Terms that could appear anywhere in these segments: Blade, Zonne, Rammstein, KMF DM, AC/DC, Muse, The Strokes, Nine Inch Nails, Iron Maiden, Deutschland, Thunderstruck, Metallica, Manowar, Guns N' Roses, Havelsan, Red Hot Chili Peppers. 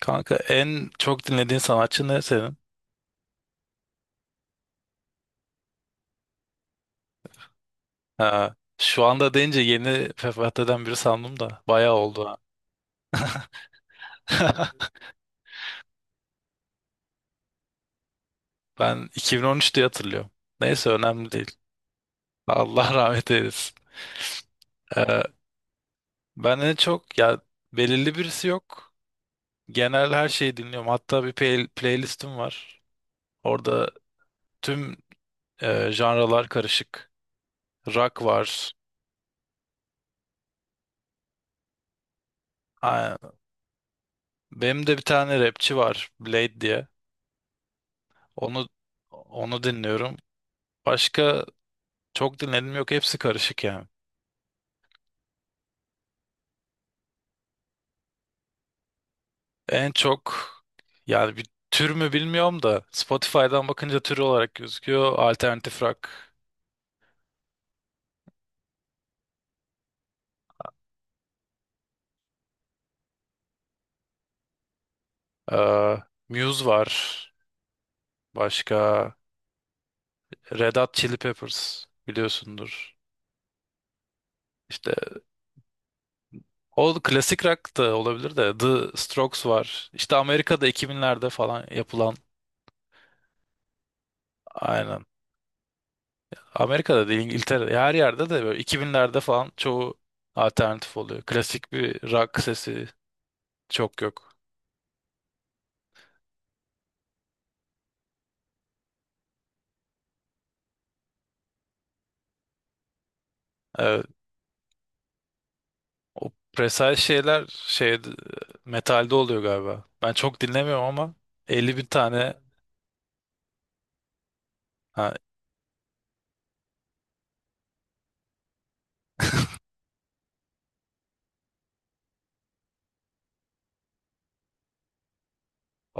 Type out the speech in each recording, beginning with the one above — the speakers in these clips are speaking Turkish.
Kanka en çok dinlediğin sanatçı ne senin? Ha, şu anda deyince yeni vefat eden biri sandım da bayağı oldu ha. Ben 2013 diye hatırlıyorum. Neyse önemli değil. Allah rahmet eylesin. Ee, ben en çok ya belirli birisi yok. Genel her şeyi dinliyorum. Hatta bir playlistim var. Orada tüm janralar karışık. Rock var. Aynen. Benim de bir tane rapçi var, Blade diye. Onu onu dinliyorum. Başka çok dinledim yok, hepsi karışık yani. En çok, yani bir tür mü bilmiyorum da Spotify'dan bakınca tür olarak gözüküyor. Alternatif rock, eee, Muse var. Başka Red Hot Chili Peppers biliyorsundur. İşte o klasik rock da olabilir de The Strokes var. İşte Amerika'da 2000'lerde falan yapılan, aynen. Amerika'da değil, İngiltere'de, her yerde de böyle 2000'lerde falan çoğu alternatif oluyor. Klasik bir rock sesi çok yok. Evet, o presel şeyler şey metalde oluyor galiba. Ben çok dinlemiyorum ama 50 bin tane, ha,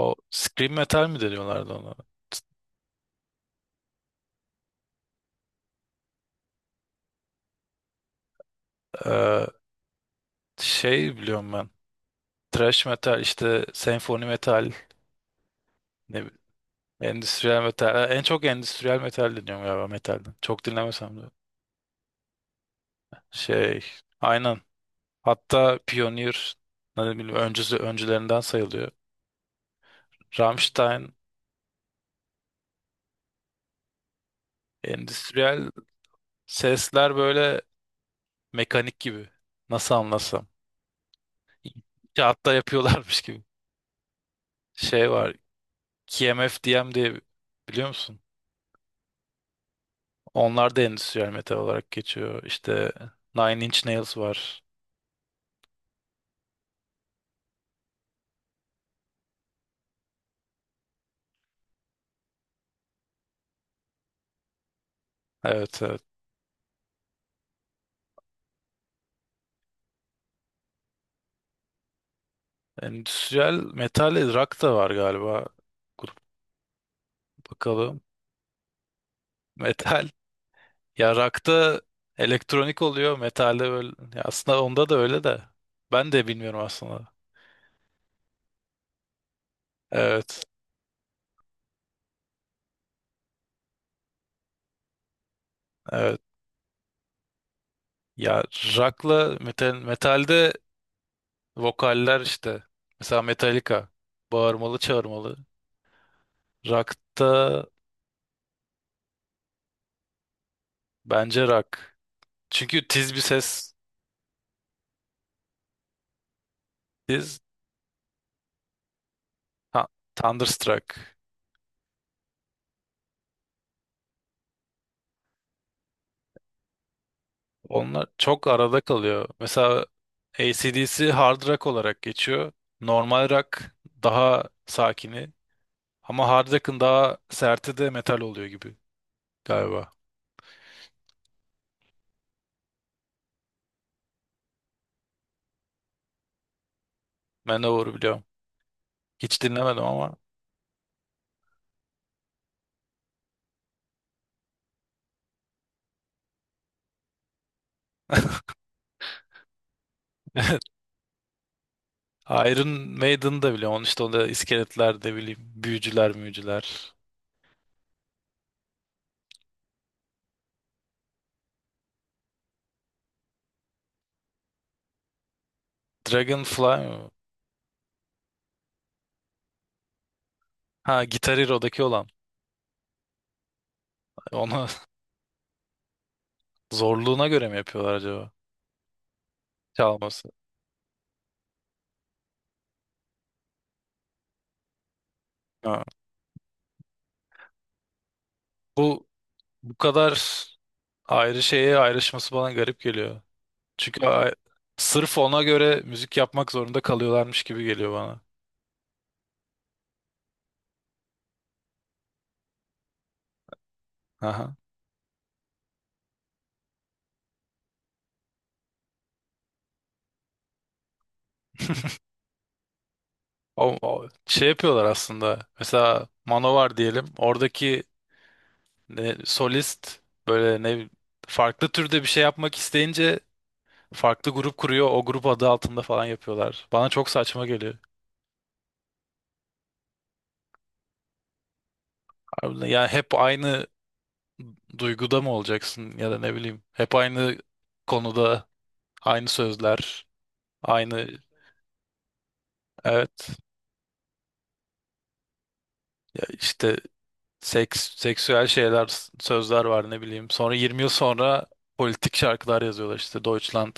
o scream metal mi deniyorlardı ona? Ee, şey biliyorum ben. Thrash metal işte, senfoni metal, ne bileyim, endüstriyel metal. Ha, en çok endüstriyel metal dinliyorum galiba metalden. Çok dinlemesem de. Şey, aynen. Hatta Pioneer, ne bileyim, öncüsü öncülerinden sayılıyor. Rammstein endüstriyel sesler böyle, mekanik gibi. Nasıl anlasam? Kağıtta yapıyorlarmış gibi. Şey var, KMF DM diye, biliyor musun? Onlar da endüstriyel metal olarak geçiyor. İşte Nine Inch Nails var. Evet, evet. Endüstriyel metal rock da var galiba. Grup bakalım. Metal. Ya rock'ta elektronik oluyor. Metalde böyle. Ya aslında onda da öyle de. Ben de bilmiyorum aslında. Evet. Evet. Ya rock'la metal, metalde vokaller işte. Mesela Metallica. Bağırmalı çağırmalı. Rock'ta bence rock, çünkü tiz bir ses. Tiz. Ha, Thunderstruck. Onlar çok arada kalıyor. Mesela AC/DC hard rock olarak geçiyor. Normal rock daha sakini. Ama hard rock'ın daha serti de metal oluyor gibi galiba. Manowar biliyorum. Hiç dinlemedim ama. Iron Maiden'ı da biliyorum. Onun işte, onda iskeletler de bileyim, büyücüler müyücüler. Dragonfly mı? Ha, Guitar Hero'daki olan. Onu zorluğuna göre mi yapıyorlar acaba? Çalması. Ha. Bu bu kadar ayrı şeye ayrışması bana garip geliyor. Çünkü sırf ona göre müzik yapmak zorunda kalıyorlarmış gibi geliyor bana. Aha. Şey yapıyorlar aslında. Mesela Manowar diyelim. Oradaki, ne, solist böyle, ne, farklı türde bir şey yapmak isteyince farklı grup kuruyor. O grup adı altında falan yapıyorlar. Bana çok saçma geliyor. Abi, ya hep aynı duyguda mı olacaksın ya da ne bileyim, hep aynı konuda, aynı sözler, aynı, evet. Ya işte seksüel şeyler, sözler var, ne bileyim, sonra 20 yıl sonra politik şarkılar yazıyorlar, işte Deutschland,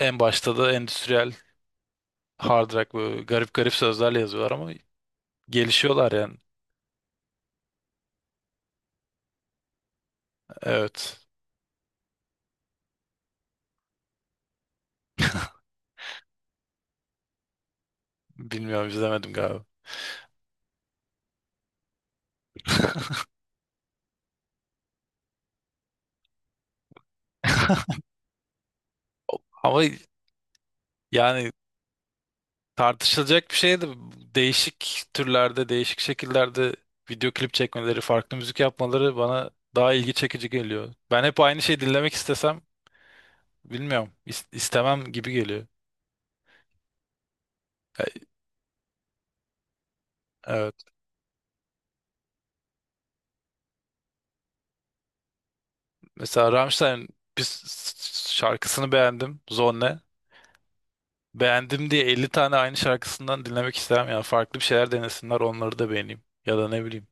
en başta da endüstriyel hard rock böyle garip garip sözlerle yazıyorlar ama gelişiyorlar yani. Evet, bilmiyorum, izlemedim galiba. Ama yani, tartışılacak bir şey de, değişik türlerde, değişik şekillerde video klip çekmeleri, farklı müzik yapmaları bana daha ilgi çekici geliyor. Ben hep aynı şeyi dinlemek istesem, bilmiyorum, istemem gibi geliyor. E, Evet. Mesela Rammstein bir şarkısını beğendim, Zonne. Beğendim diye 50 tane aynı şarkısından dinlemek istemem. Yani farklı bir şeyler denesinler, onları da beğeneyim. Ya da ne bileyim.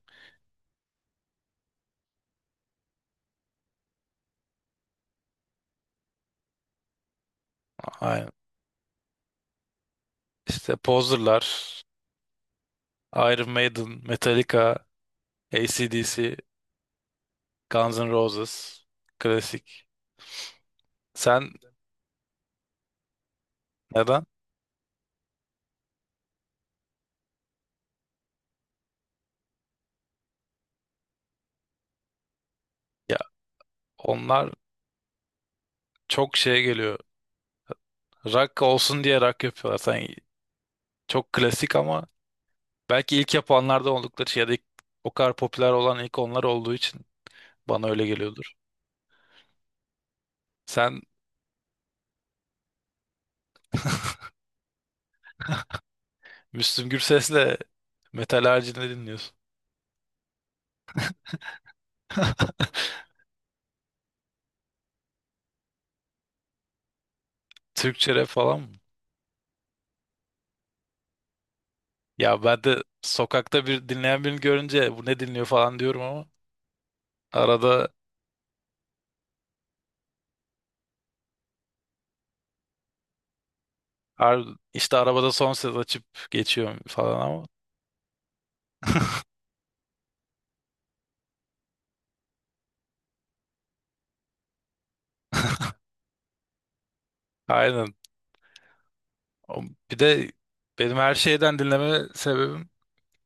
Aynen. İşte Poser'lar, Iron Maiden, Metallica, AC/DC, Guns N' Roses. Klasik. Sen neden? Ya onlar çok şeye geliyor. Rock olsun diye rock yapıyorlar. Sen çok klasik ama belki ilk yapanlardan oldukları şey, ya da o kadar popüler olan ilk onlar olduğu için bana öyle geliyordur. Sen Müslüm Gürses'le metal haricinde dinliyorsun. Türkçe rap falan mı? Ya ben de sokakta bir dinleyen birini görünce bu ne dinliyor falan diyorum ama, arada ar- işte arabada son ses açıp geçiyorum falan ama. Aynen. O- Bir de benim her şeyden dinleme sebebim,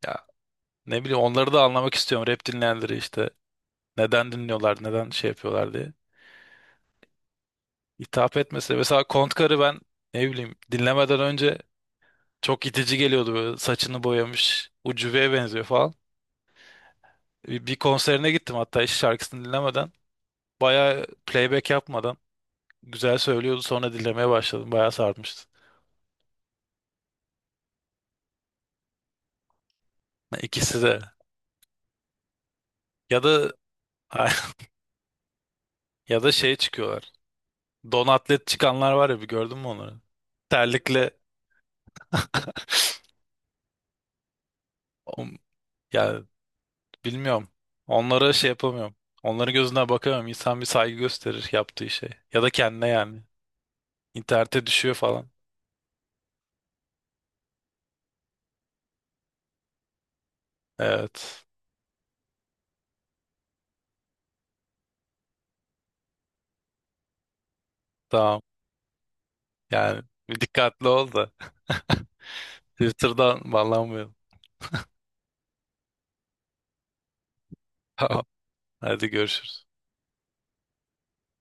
ya, ne bileyim, onları da anlamak istiyorum, rap dinleyenleri işte. Neden dinliyorlar, neden şey yapıyorlar diye. Hitap etmesi. Mesela Kontkar'ı ben, ne bileyim, dinlemeden önce çok itici geliyordu, böyle saçını boyamış, ucubeye benziyor falan. Bir konserine gittim hatta, hiç şarkısını dinlemeden. Bayağı playback yapmadan güzel söylüyordu, sonra dinlemeye başladım. Bayağı sarmıştı. İkisi de. Ya da ya da şey çıkıyorlar. Don atlet çıkanlar var ya, bir gördün mü onları? Terlikle o- ya, bilmiyorum. Onlara şey yapamıyorum. Onların gözüne bakamıyorum. İnsan bir saygı gösterir yaptığı şey. Ya da kendine, yani. İnternete düşüyor falan. Evet. Tamam. Yani bir dikkatli ol da. Twitter'dan bağlanmayalım. Tamam. Hadi görüşürüz.